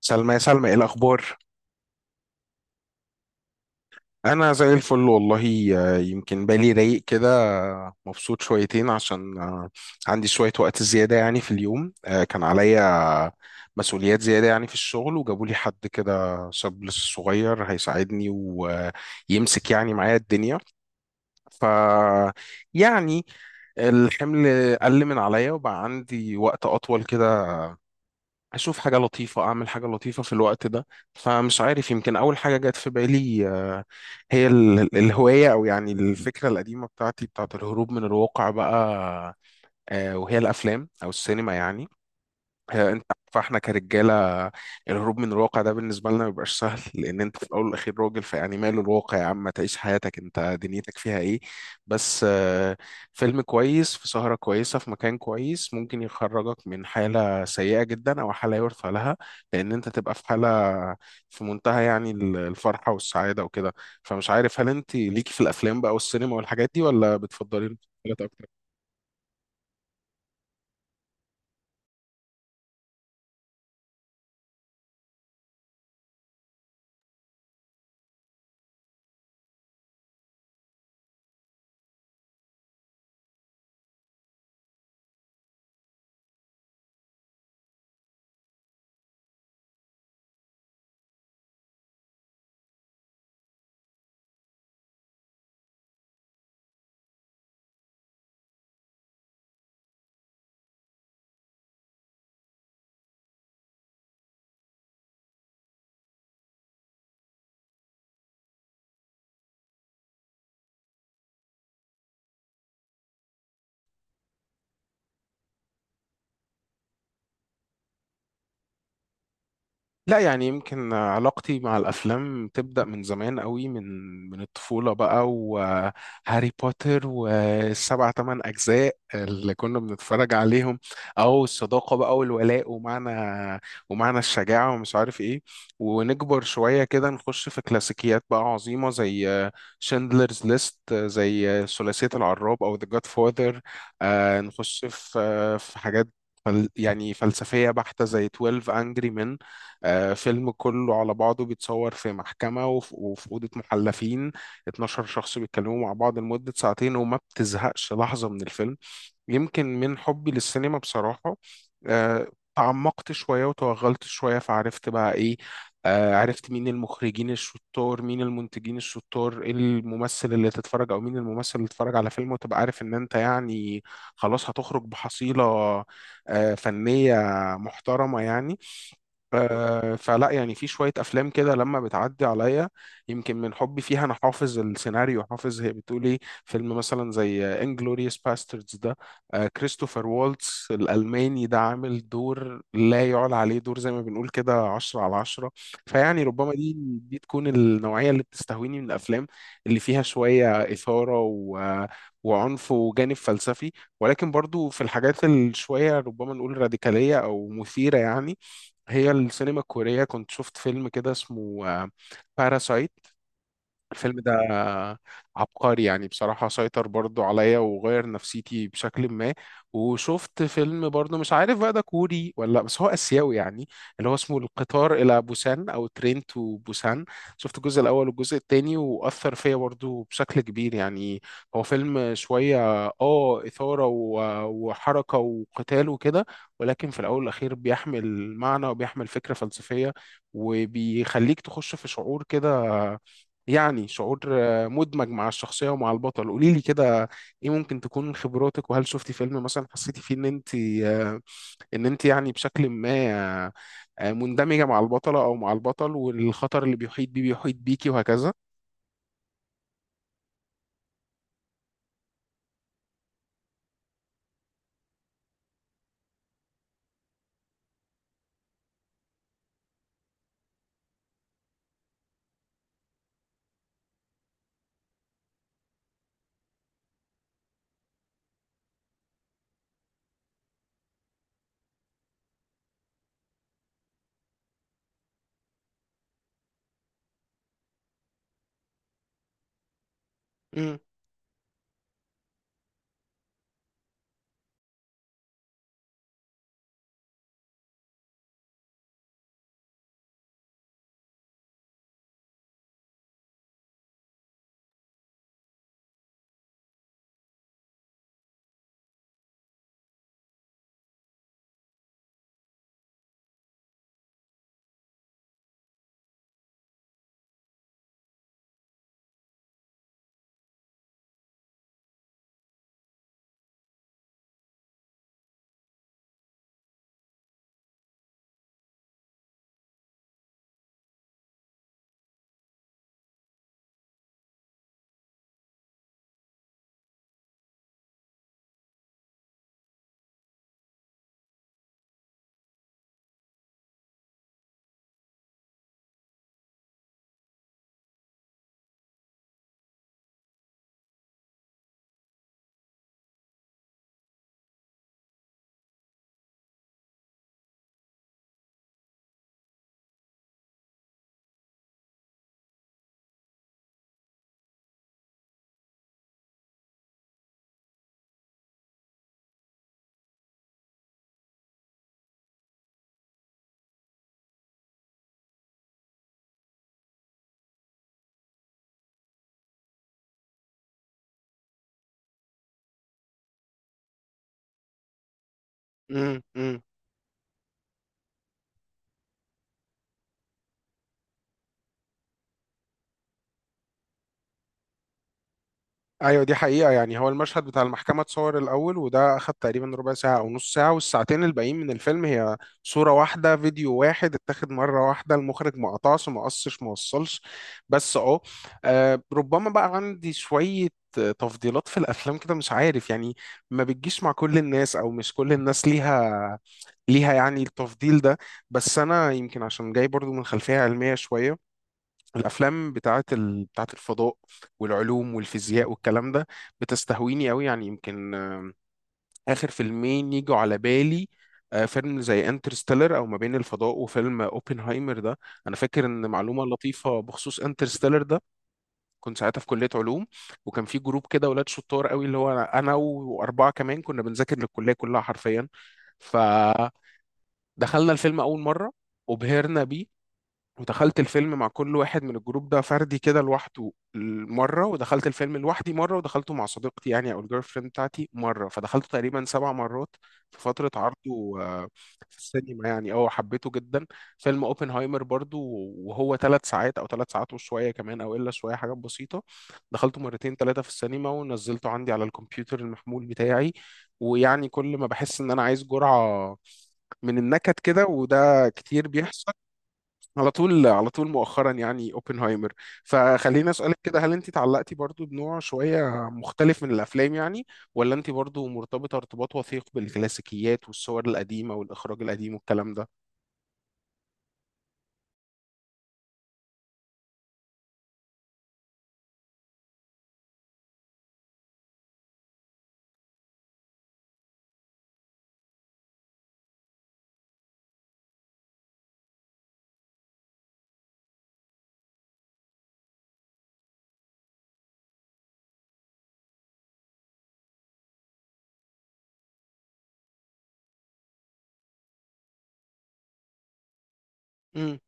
سلمى، يا سلمى، ايه الاخبار؟ انا زي الفل والله. يمكن بالي رايق كده. مبسوط شويتين عشان عندي شويه وقت زياده يعني في اليوم. كان عليا مسؤوليات زياده يعني في الشغل، وجابوا لي حد كده شاب لسه صغير هيساعدني ويمسك يعني معايا الدنيا. ف يعني الحمل قل من عليا وبقى عندي وقت اطول كده، اشوف حاجه لطيفه، اعمل حاجه لطيفه في الوقت ده. فمش عارف، يمكن اول حاجه جت في بالي هي الهوايه او يعني الفكره القديمه بتاعتي بتاعت الهروب من الواقع بقى. وهي الافلام او السينما يعني. انت عارف احنا كرجاله، الهروب من الواقع ده بالنسبه لنا ما بيبقاش سهل، لان انت في الاول والاخير راجل، فيعني ماله الواقع يا عم، ما تعيش حياتك، انت دنيتك فيها ايه؟ بس فيلم كويس في سهره كويسه في مكان كويس ممكن يخرجك من حاله سيئه جدا او حاله يرثى لها، لان انت تبقى في حاله في منتهى يعني الفرحه والسعاده وكده. فمش عارف، هل انت ليكي في الافلام بقى والسينما والحاجات دي ولا بتفضلي المسلسلات؟ لا يعني، يمكن علاقتي مع الأفلام تبدأ من زمان قوي، من الطفولة بقى، وهاري بوتر والسبع تمن أجزاء اللي كنا بنتفرج عليهم، أو الصداقة بقى والولاء ومعنى، ومعنى الشجاعة ومش عارف إيه. ونكبر شوية كده نخش في كلاسيكيات بقى عظيمة زي شندلرز ليست، زي ثلاثية العراب أو ذا جاد فاذر. نخش في حاجات يعني فلسفية بحتة زي 12 Angry Men. فيلم كله على بعضه بيتصور في محكمة وفي أوضة محلفين. 12 شخص بيتكلموا مع بعض لمدة ساعتين وما بتزهقش لحظة من الفيلم. يمكن من حبي للسينما بصراحة، آه، تعمقت شوية وتوغلت شوية فعرفت بقى إيه. عرفت مين المخرجين الشطار، مين المنتجين الشطار، إيه الممثل اللي تتفرج، أو مين الممثل اللي تتفرج على فيلم وتبقى عارف إن أنت يعني خلاص هتخرج بحصيلة فنية محترمة يعني. فلا يعني في شوية أفلام كده لما بتعدي عليا، يمكن من حبي فيها أنا حافظ السيناريو، حافظ هي بتقول إيه. فيلم مثلا زي انجلوريوس باستردز ده، كريستوفر والتس الألماني ده عامل دور لا يعلى عليه، دور زي ما بنقول كده عشرة على عشرة. فيعني ربما دي تكون النوعية اللي بتستهويني من الأفلام، اللي فيها شوية إثارة وعنف وجانب فلسفي. ولكن برضو في الحاجات الشوية ربما نقول راديكالية أو مثيرة يعني. هي السينما الكورية، كنت شفت فيلم كده اسمه باراسايت. الفيلم ده عبقري يعني بصراحة، سيطر برضو عليا وغير نفسيتي بشكل ما. وشفت فيلم برضو مش عارف بقى ده كوري ولا لأ، بس هو آسيوي يعني، اللي هو اسمه القطار إلى بوسان أو ترين تو بوسان. شفت الجزء الأول والجزء التاني وأثر فيا برضو بشكل كبير يعني. هو فيلم شوية آه إثارة وحركة وقتال وكده، ولكن في الأول والأخير بيحمل معنى وبيحمل فكرة فلسفية وبيخليك تخش في شعور كده، يعني شعور مدمج مع الشخصية ومع البطل. قولي لي كده، ايه ممكن تكون من خبراتك، وهل شفتي فيلم مثلا حسيتي فيه ان انت آه، ان انت يعني بشكل ما آه، مندمجة مع البطلة او مع البطل، والخطر اللي بيحيط بيه، بيحيط بيكي وهكذا؟ امم ايوه، دي حقيقة يعني. هو المشهد بتاع المحكمة اتصور الأول، وده أخد تقريبا ربع ساعة أو نص ساعة، والساعتين الباقيين من الفيلم هي صورة واحدة، فيديو واحد اتاخد مرة واحدة، المخرج ما قطعش ما قصش ما وصلش. بس اه، ربما بقى عندي شوية تفضيلات في الأفلام كده، مش عارف يعني، ما بتجيش مع كل الناس، أو مش كل الناس ليها يعني التفضيل ده. بس أنا يمكن عشان جاي برضو من خلفية علمية شوية، الافلام بتاعت بتاعت الفضاء والعلوم والفيزياء والكلام ده بتستهويني قوي يعني. يمكن اخر فيلمين يجوا على بالي، فيلم زي انترستيلر او ما بين الفضاء، وفيلم اوبنهايمر ده. انا فاكر ان معلومه لطيفه بخصوص انترستيلر ده، كنت ساعتها في كليه علوم، وكان في جروب كده ولاد شطار قوي، اللي هو أنا واربعه كمان كنا بنذاكر للكليه كلها حرفيا. فدخلنا الفيلم اول مره وبهرنا بيه، ودخلت الفيلم مع كل واحد من الجروب ده فردي كده لوحده مرة، ودخلت الفيلم لوحدي مرة، ودخلته مع صديقتي يعني أو الجيرل فريند بتاعتي مرة، فدخلته تقريبا سبع مرات في فترة عرضه، في السينما يعني، اه حبيته جدا. فيلم اوبنهايمر برضو، وهو ثلاث ساعات أو ثلاث ساعات وشوية كمان أو إلا شوية حاجات بسيطة، دخلته مرتين ثلاثة في السينما، ونزلته عندي على الكمبيوتر المحمول بتاعي. ويعني كل ما بحس إن أنا عايز جرعة من النكد كده، وده كتير بيحصل، على طول على طول مؤخرا، يعني اوبنهايمر. فخليني اسالك كده، هل انت اتعلقتي برضو بنوع شويه مختلف من الافلام يعني، ولا انت برضو مرتبطه ارتباط وثيق بالكلاسيكيات والصور القديمه والاخراج القديم والكلام ده؟ امم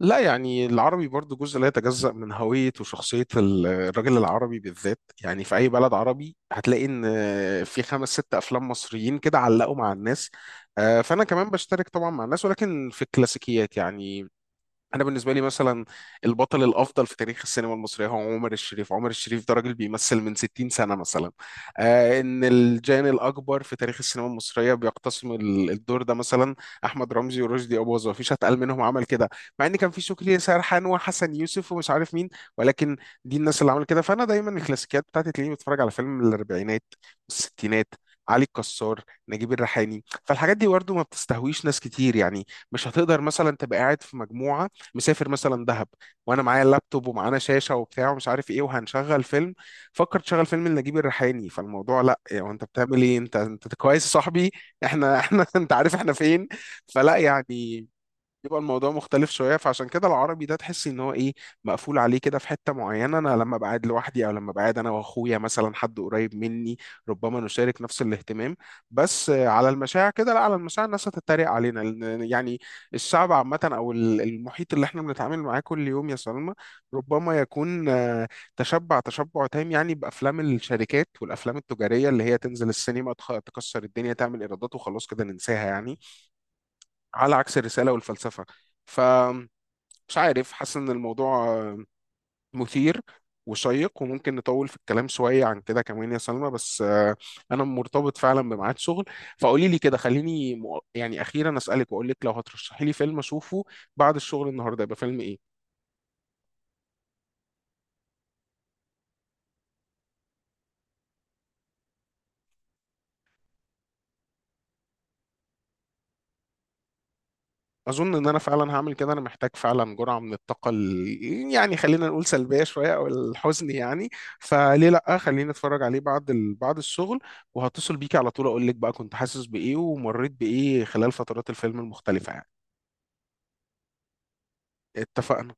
لا يعني، العربي برضو جزء لا يتجزأ من هوية وشخصية الراجل العربي بالذات. يعني في أي بلد عربي هتلاقي إن في خمس ست أفلام مصريين كده علقوا مع الناس. فأنا كمان بشترك طبعا مع الناس ولكن في الكلاسيكيات يعني. انا بالنسبه لي مثلا البطل الافضل في تاريخ السينما المصريه هو عمر الشريف. عمر الشريف ده راجل بيمثل من 60 سنه مثلا. آه، ان الجان الاكبر في تاريخ السينما المصريه بيقتسم الدور ده، مثلا احمد رمزي ورشدي اباظه، مفيش اتقل منهم عمل كده، مع ان كان في شكري سرحان وحسن يوسف ومش عارف مين. ولكن دي الناس اللي عملت كده. فانا دايما الكلاسيكيات بتاعتي تلاقيني بتفرج على فيلم من الاربعينات والستينات، علي الكسار، نجيب الريحاني. فالحاجات دي برضه ما بتستهويش ناس كتير يعني. مش هتقدر مثلا تبقى قاعد في مجموعه، مسافر مثلا دهب، وانا معايا اللابتوب ومعانا شاشه وبتاع ومش عارف ايه، وهنشغل فيلم، فكر تشغل فيلم لنجيب الريحاني، فالموضوع لا يعني، انت بتعمل ايه؟ انت كويس يا صاحبي؟ احنا انت عارف احنا فين. فلا يعني، يبقى الموضوع مختلف شويه. فعشان كده العربي ده تحس ان هو ايه، مقفول عليه كده في حته معينه. انا لما بقعد لوحدي او لما بقعد انا واخويا مثلا، حد قريب مني، ربما نشارك نفس الاهتمام. بس على المشاع كده لا، على المشاع الناس هتتريق علينا، لأن يعني الشعب عامه او المحيط اللي احنا بنتعامل معاه كل يوم يا سلمى ربما يكون تشبع تشبع تام، يعني بافلام الشركات والافلام التجاريه اللي هي تنزل السينما، تكسر الدنيا، تعمل ايرادات، وخلاص كده ننساها يعني، على عكس الرسالة والفلسفة. فمش عارف، حاسس إن الموضوع مثير وشيق، وممكن نطول في الكلام شوية عن كده كمان يا سلمى، بس أنا مرتبط فعلا بميعاد شغل. فقولي لي كده، خليني أخيرا أسألك، وأقول لك لو هترشحي لي فيلم أشوفه بعد الشغل النهاردة، يبقى فيلم إيه؟ اظن ان انا فعلا هعمل كده. انا محتاج فعلا جرعه من الطاقه يعني خلينا نقول سلبيه شويه او الحزن يعني. فليه لا، خليني اتفرج عليه بعد بعد الشغل. وهتصل بيكي على طول اقول لك بقى كنت حاسس بايه ومريت بايه خلال فترات الفيلم المختلفه يعني. اتفقنا.